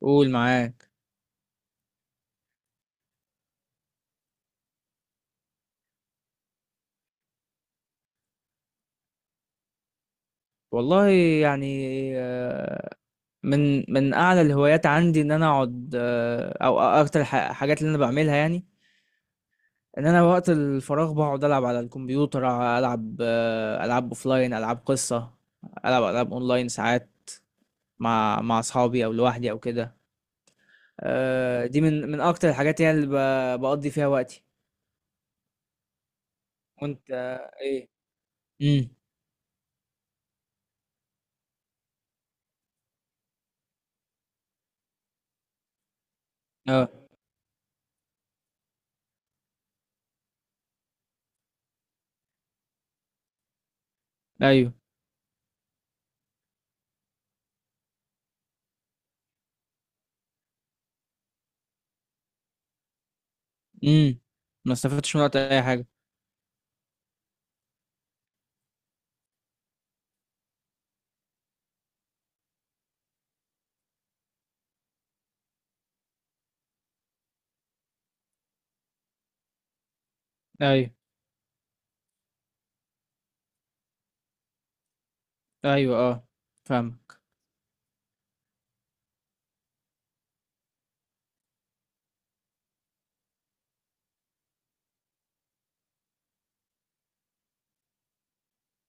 قول معاك. والله، يعني، آه، من اعلى الهوايات عندي ان انا اقعد، او اكتر حاجات اللي انا بعملها، يعني ان انا وقت الفراغ بقعد العب على الكمبيوتر. العب، العاب اوفلاين، العاب قصة. العب العاب اونلاين ساعات مع اصحابي او لوحدي او كده. دي من اكتر الحاجات، يعني اللي بقضي فيها وقتي. وانت ايه؟ امم. اه. ايوه. امم. ما استفدتش من وقت اي حاجة. ايوه. ايوه، اه. فاهمك.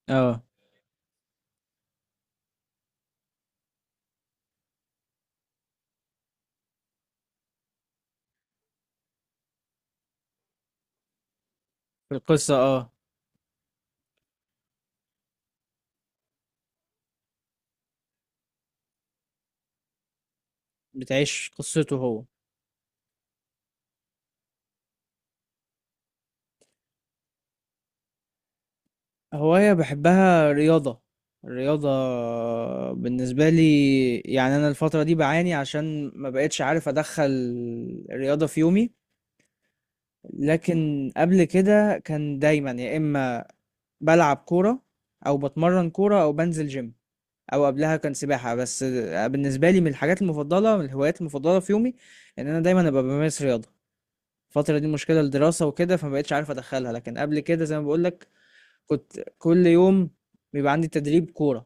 اه، القصة. اه، بتعيش قصته هو. هواية بحبها، رياضة. الرياضة بالنسبة لي، يعني أنا الفترة دي بعاني عشان ما بقتش عارف أدخل الرياضة في يومي. لكن قبل كده كان دايما، يا إما بلعب كورة، أو بتمرن كورة، أو بنزل جيم، أو قبلها كان سباحة. بس بالنسبة لي من الحاجات المفضلة، من الهوايات المفضلة في يومي، إن أنا دايما أبقى بمارس رياضة. الفترة دي مشكلة الدراسة وكده، فما بقتش عارف أدخلها، لكن قبل كده زي ما بقولك كنت كل يوم بيبقى عندي تدريب كورة.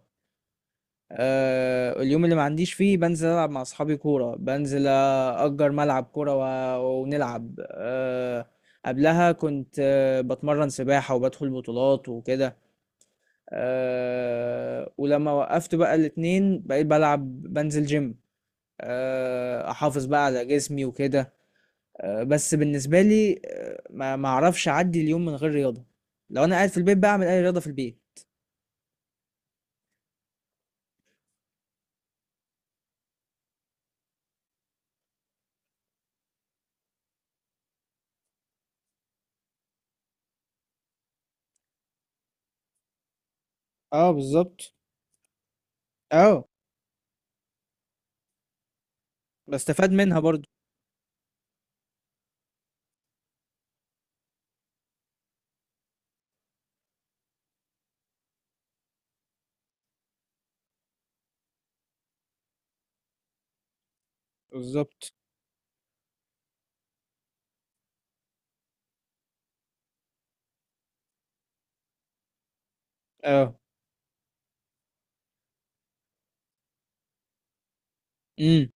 اليوم اللي ما عنديش فيه بنزل ألعب مع أصحابي كورة، بنزل أجر ملعب كورة ونلعب. قبلها كنت بتمرن سباحة، وبدخل بطولات وكده. ولما وقفت بقى الاتنين، بقيت بلعب، بنزل جيم. أحافظ بقى على جسمي وكده. بس بالنسبة لي، ما أعرفش أعدي اليوم من غير رياضة. لو أنا قاعد في البيت بعمل أي رياضة في البيت. اه، بالظبط. اه، بستفاد منها برضو. بالظبط، اه. امم.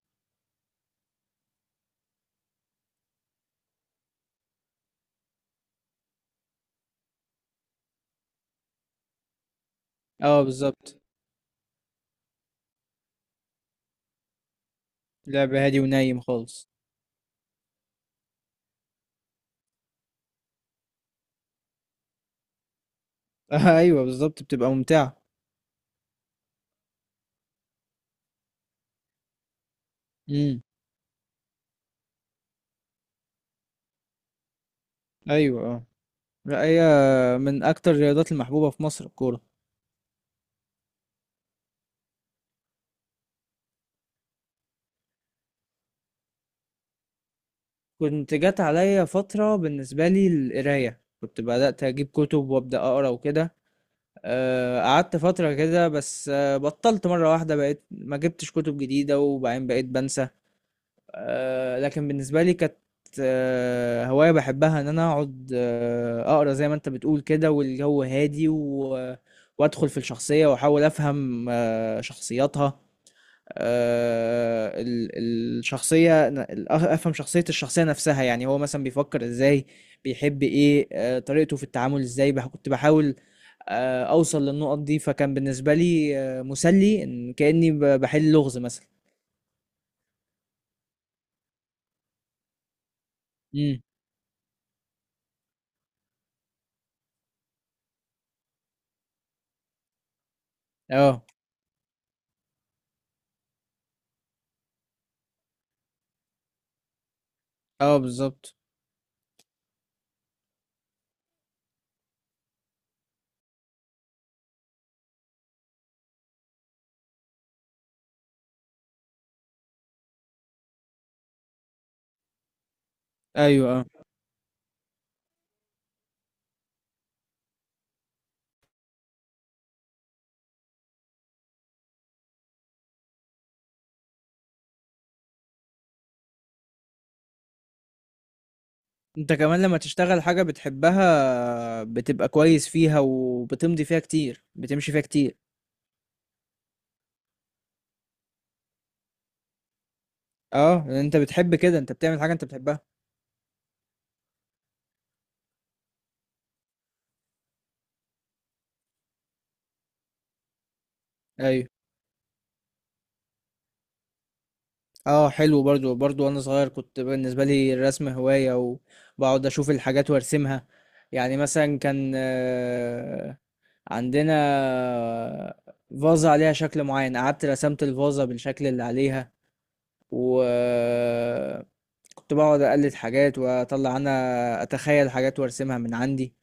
اه، بالظبط. لعب هادي ونايم خالص. آه، ايوه، بالظبط، بتبقى ممتعة. امم. ايوه، اه. لا، هي من اكتر الرياضات المحبوبة في مصر، الكورة. كنت جات عليا فترة بالنسبة لي القراية، كنت بدأت اجيب كتب وابدأ اقرا وكده. قعدت فترة كده بس، بطلت مرة واحدة، بقيت ما جبتش كتب جديدة، وبعدين بقيت بنسى. لكن بالنسبة لي كانت هواية بحبها، إن أنا أقعد أقرأ زي ما أنت بتقول كده، والجو هادي وأدخل في الشخصية، وأحاول أفهم شخصياتها. الشخصية، أفهم شخصية الشخصية نفسها. يعني هو مثلا بيفكر إزاي، بيحب إيه، طريقته في التعامل إزاي. كنت بحاول أوصل للنقط دي. فكان بالنسبة لي مسلي، إن كأني بحل لغز مثلا. امم. اه. اه، بالظبط. ايوه، اه. انت كمان لما تشتغل حاجة بتحبها، بتبقى كويس فيها، وبتمضي فيها كتير، بتمشي فيها كتير. اه، لأن انت بتحب كده، انت بتعمل حاجة انت بتحبها. ايوه، اه، حلو. برضو وانا صغير كنت بالنسبة لي الرسم هواية، وبقعد اشوف الحاجات وارسمها. يعني مثلا كان عندنا فازة عليها شكل معين، قعدت رسمت الفازة بالشكل اللي عليها. وكنت بقعد أقلد حاجات، وأطلع أنا أتخيل حاجات وأرسمها من عندي.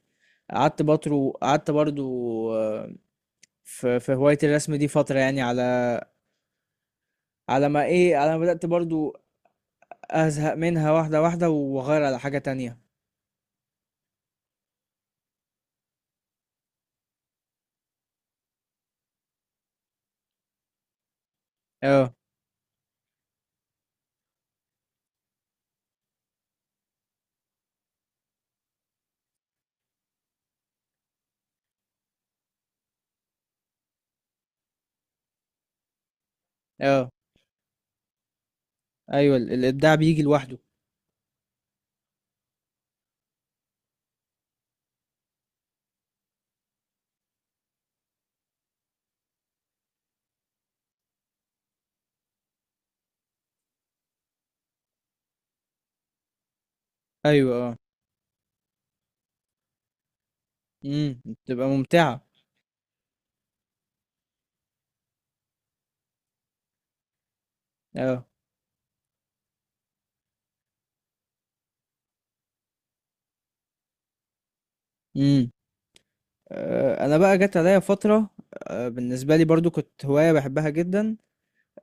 قعدت بطرو، قعدت برضو آه، في هواية الرسم دي فترة، يعني على ما إيه، على ما بدأت برضو أزهق منها، واحدة واحدة، وأغير على حاجة تانية. اه. اه، أيوة. الإبداع بيجي لوحده. أيوة، اه. امم. بتبقى ممتعة. اه. امم. أنا بقى جت عليا فترة، بالنسبة لي برضو كنت هواية بحبها جدا،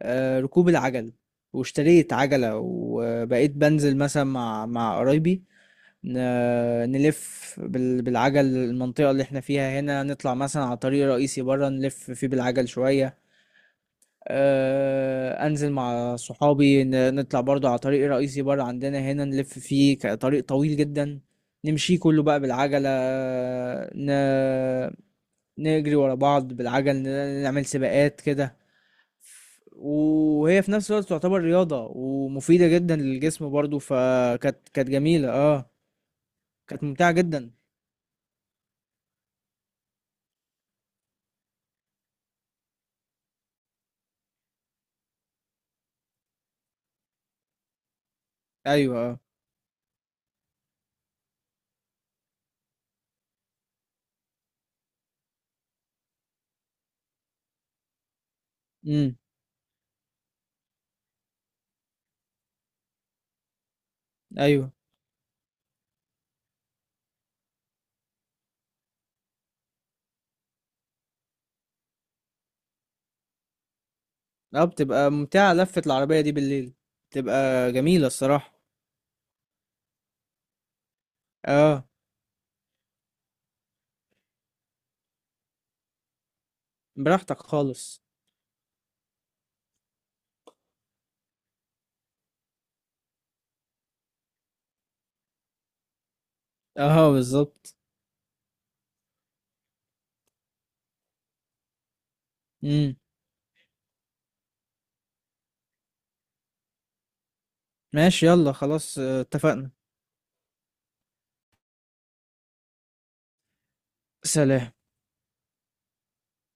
ركوب العجل. واشتريت عجلة، وبقيت بنزل مثلا مع قرايبي، نلف بالعجل المنطقة اللي احنا فيها هنا، نطلع مثلا على طريق رئيسي برا نلف فيه بالعجل شوية. انزل مع صحابي، نطلع برضو على طريق رئيسي برا عندنا هنا، نلف فيه، طريق طويل جدا، نمشي كله بقى بالعجلة. ن... نجري ورا بعض بالعجل، نعمل سباقات كده. وهي في نفس الوقت تعتبر رياضة ومفيدة جدا للجسم برضو، فكانت جميلة، اه. كانت ممتعة جدا. ايوه، اه. امم. ايوه، اه. بتبقى ممتعة لفة العربية دي بالليل، بتبقى جميلة الصراحة. اه، براحتك خالص. اه، بالظبط. امم. ماشي، يلا، خلاص، اتفقنا. سلام.